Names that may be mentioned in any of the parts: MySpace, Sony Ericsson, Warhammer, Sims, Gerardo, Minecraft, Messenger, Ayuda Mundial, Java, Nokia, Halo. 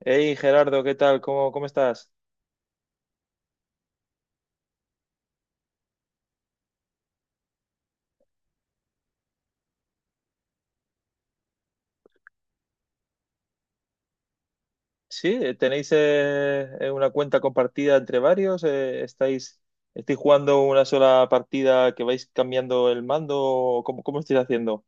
Hey Gerardo, ¿qué tal? ¿Cómo estás? Sí, tenéis una cuenta compartida entre varios. ¿Estáis jugando una sola partida que vais cambiando el mando? ¿O cómo estáis haciendo?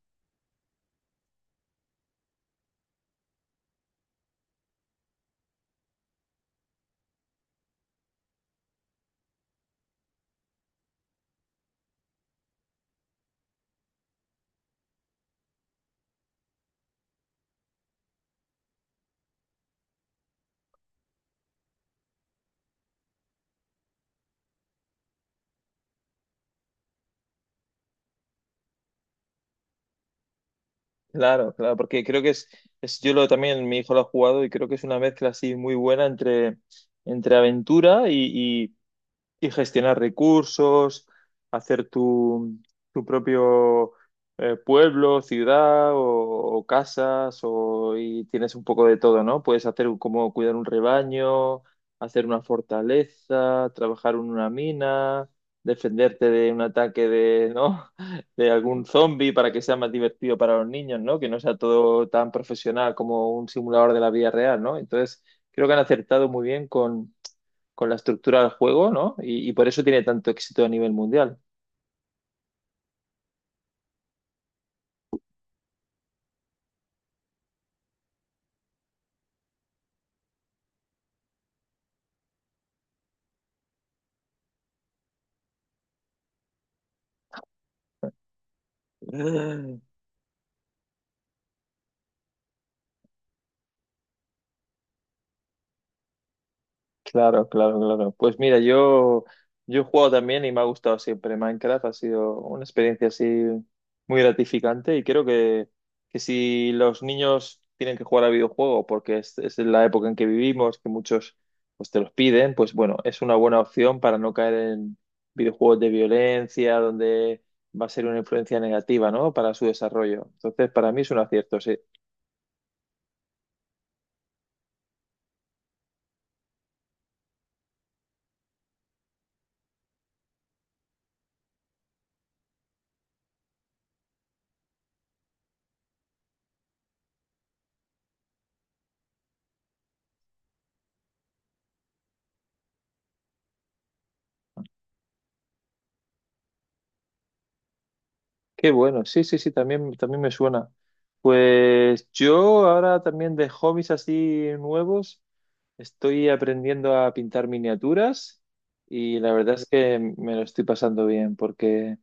Claro, porque creo que es también mi hijo lo ha jugado y creo que es una mezcla así muy buena entre aventura y- y gestionar recursos, hacer tu propio pueblo, ciudad o casas, o, y tienes un poco de todo, ¿no? Puedes hacer un- como cuidar un rebaño, hacer una fortaleza, trabajar en una mina, defenderte de un ataque de, ¿no? de algún zombie para que sea más divertido para los niños, ¿no? Que no sea todo tan profesional como un simulador de la vida real, ¿no? Entonces, creo que han acertado muy bien con la estructura del juego, ¿no? Y por eso tiene tanto éxito a nivel mundial. Mm. Claro. Pues mira, yo he jugado también y me ha gustado siempre Minecraft. Ha sido una experiencia así muy gratificante y creo que si los niños tienen que jugar a videojuegos porque es la época en que vivimos, que muchos pues, te los piden, pues bueno, es una buena opción para no caer en videojuegos de violencia, donde va a ser una influencia negativa, ¿no? Para su desarrollo. Entonces, para mí es un acierto, sí. Qué bueno, sí, sí, sí, también me suena. Pues yo ahora también de hobbies así nuevos estoy aprendiendo a pintar miniaturas y la verdad es que me lo estoy pasando bien porque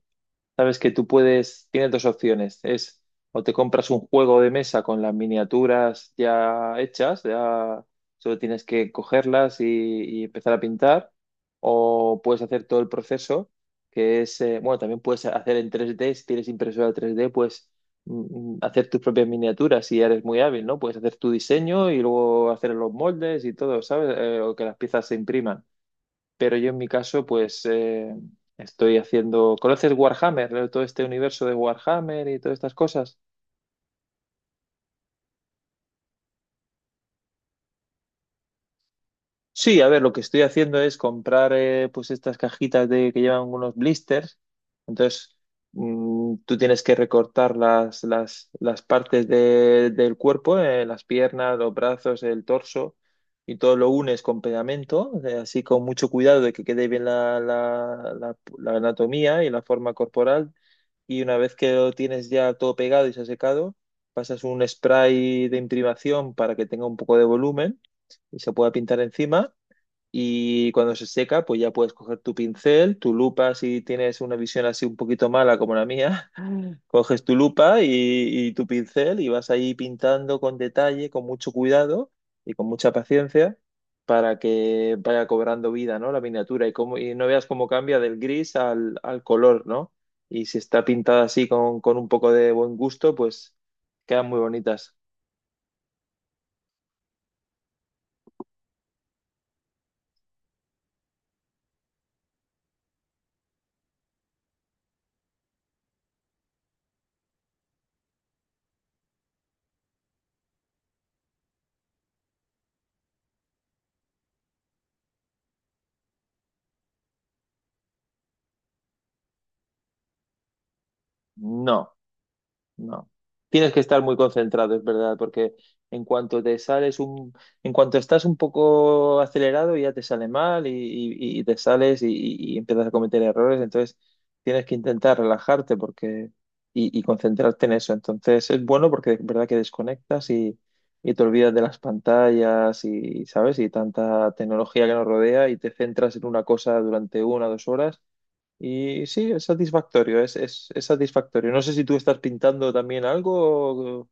sabes que tú puedes, tienes dos opciones. Es o te compras un juego de mesa con las miniaturas ya hechas, ya solo tienes que y empezar a pintar, o puedes hacer todo el proceso, que es, bueno, también puedes hacer en 3D, si tienes impresora 3D, pues hacer tus propias miniaturas si eres muy hábil, ¿no? Puedes hacer tu diseño y luego hacer los moldes y todo, ¿sabes? O que las piezas se impriman. Pero yo en mi caso, pues estoy haciendo. ¿Conoces Warhammer? Todo este universo de Warhammer y todas estas cosas. Sí, a ver, lo que estoy haciendo es comprar pues estas cajitas de, que llevan unos blisters. Entonces, tú tienes que recortar las partes de- del cuerpo, las piernas, los brazos, el torso, y todo lo unes con pegamento, así con mucho cuidado de que quede bien la anatomía y la forma corporal. Y una vez que lo tienes ya todo pegado y se ha secado, pasas un spray de imprimación para que tenga un poco de volumen y se pueda pintar encima y cuando se seca, pues ya puedes coger tu pincel, tu lupa, si tienes una visión así un poquito mala como la mía, coges tu y tu pincel y vas ahí pintando con detalle, con mucho cuidado y con mucha paciencia para que vaya cobrando vida, ¿no? La miniatura y, cómo- y no veas cómo cambia del gris al color, ¿no? Y si está pintada así con un poco de buen gusto, pues quedan muy bonitas. No. No. Tienes que estar muy concentrado, es verdad, porque en cuanto te sales un, en cuanto estás un poco acelerado, ya te sale mal y te sales y empiezas a cometer errores. Entonces tienes que intentar relajarte porque y concentrarte en eso. Entonces es bueno porque es verdad que y te olvidas de las pantallas y, ¿sabes? Y tanta tecnología que nos rodea y te centras en una cosa durante una o dos horas y sí, es satisfactorio, es satisfactorio. No sé si tú estás pintando también algo. O-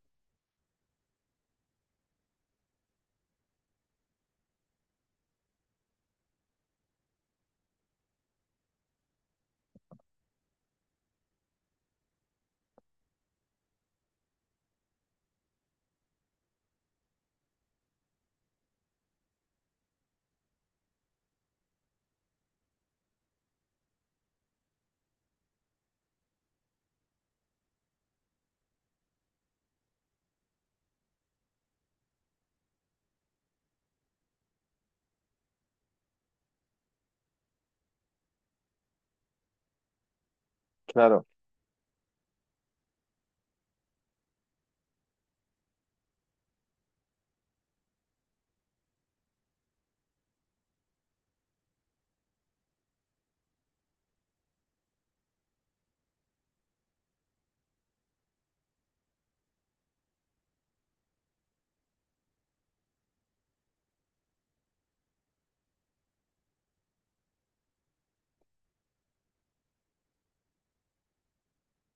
Claro,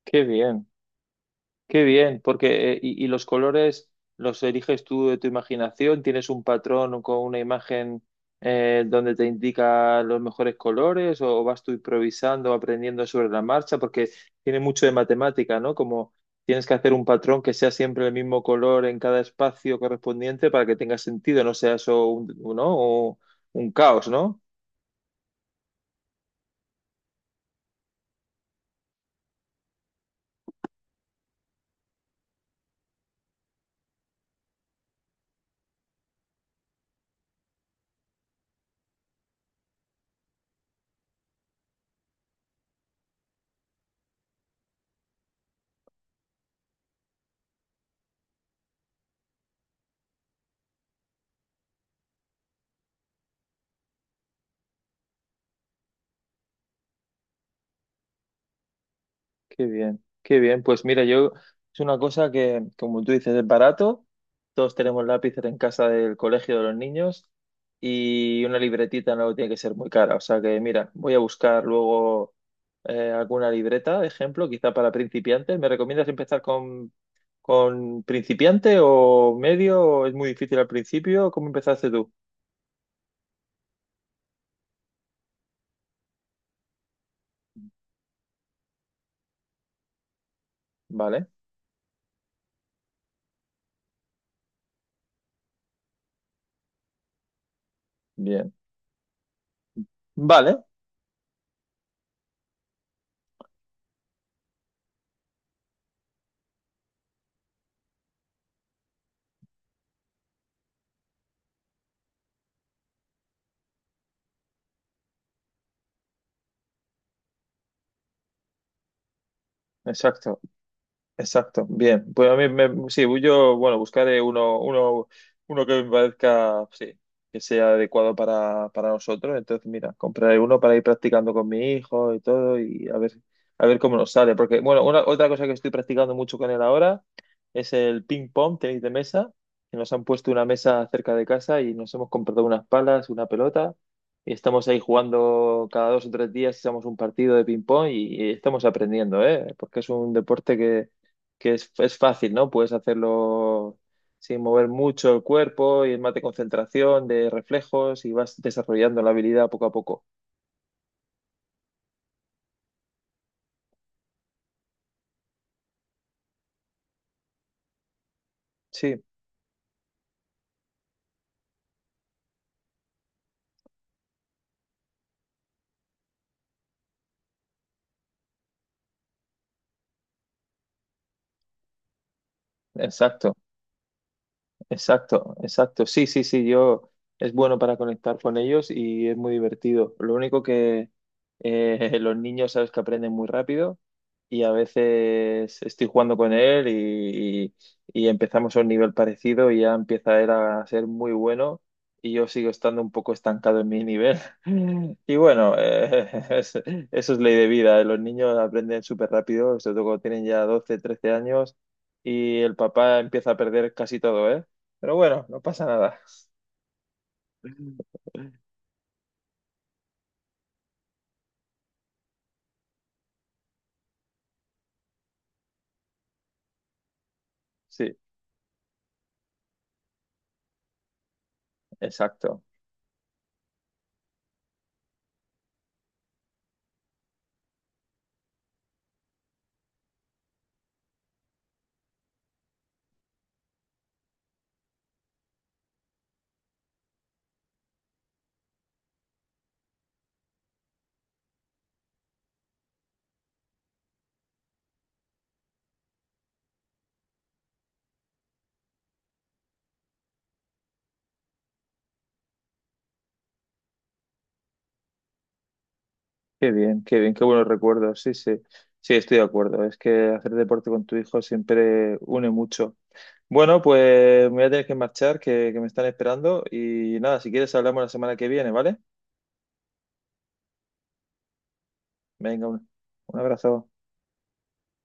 qué bien, qué bien, porque y los colores los eliges tú de tu imaginación, tienes un patrón con una imagen donde te indica los mejores colores o vas tú improvisando, aprendiendo sobre la marcha, porque tiene mucho de matemática, ¿no? Como tienes que hacer un patrón que sea siempre el mismo color en cada espacio correspondiente para que tenga sentido, no sea eso un, ¿no? O un caos, ¿no? Qué bien, qué bien. Pues mira, yo es una cosa que, como tú dices, es barato. Todos tenemos lápices en casa del colegio de los niños y una libretita no tiene que ser muy cara. O sea que mira, voy a buscar luego alguna libreta, de ejemplo, quizá para principiantes. ¿Me recomiendas empezar con principiante o medio? ¿O ¿Es muy difícil al principio? ¿Cómo empezaste tú? Vale, bien. Vale, exacto. Exacto, bien. Pues a mí me, sí, yo, bueno, buscaré uno que me parezca, sí, que sea adecuado para nosotros. Entonces, mira, compraré uno para ir practicando con mi hijo y todo y a a ver cómo nos sale. Porque, bueno, otra cosa que estoy practicando mucho con él ahora es el ping pong, tenis de mesa, que nos han puesto una mesa cerca de casa y nos hemos comprado unas palas, una pelota. Y estamos ahí jugando cada dos o tres días, echamos un partido de ping pong y estamos aprendiendo, ¿eh? Porque es un deporte es fácil, ¿no? Puedes hacerlo sin mover mucho el cuerpo y es más de concentración, de reflejos y vas desarrollando la habilidad poco a poco. Sí, exacto. Exacto, exacto. Sí, sí, sí, yo es bueno para conectar con ellos y es muy divertido. Lo único que los niños sabes que aprenden muy rápido y a veces estoy jugando con él y y empezamos a un nivel parecido y ya empieza él a ser muy bueno y yo sigo estando un poco estancado en mi nivel. Y bueno, es- eso es ley de vida. Eh. Los niños aprenden súper rápido, sobre todo cuando tienen ya 12, 13 años y el papá empieza a perder casi todo, eh. Pero bueno, no pasa nada. Sí, exacto. Qué bien, qué bien, qué buenos recuerdos. Sí, sí, sí, estoy de acuerdo. Es que hacer deporte con tu hijo siempre une mucho. Bueno, pues me voy a tener que marchar, que me están esperando. Y nada, si quieres hablamos la semana que viene, ¿vale? Venga, un abrazo.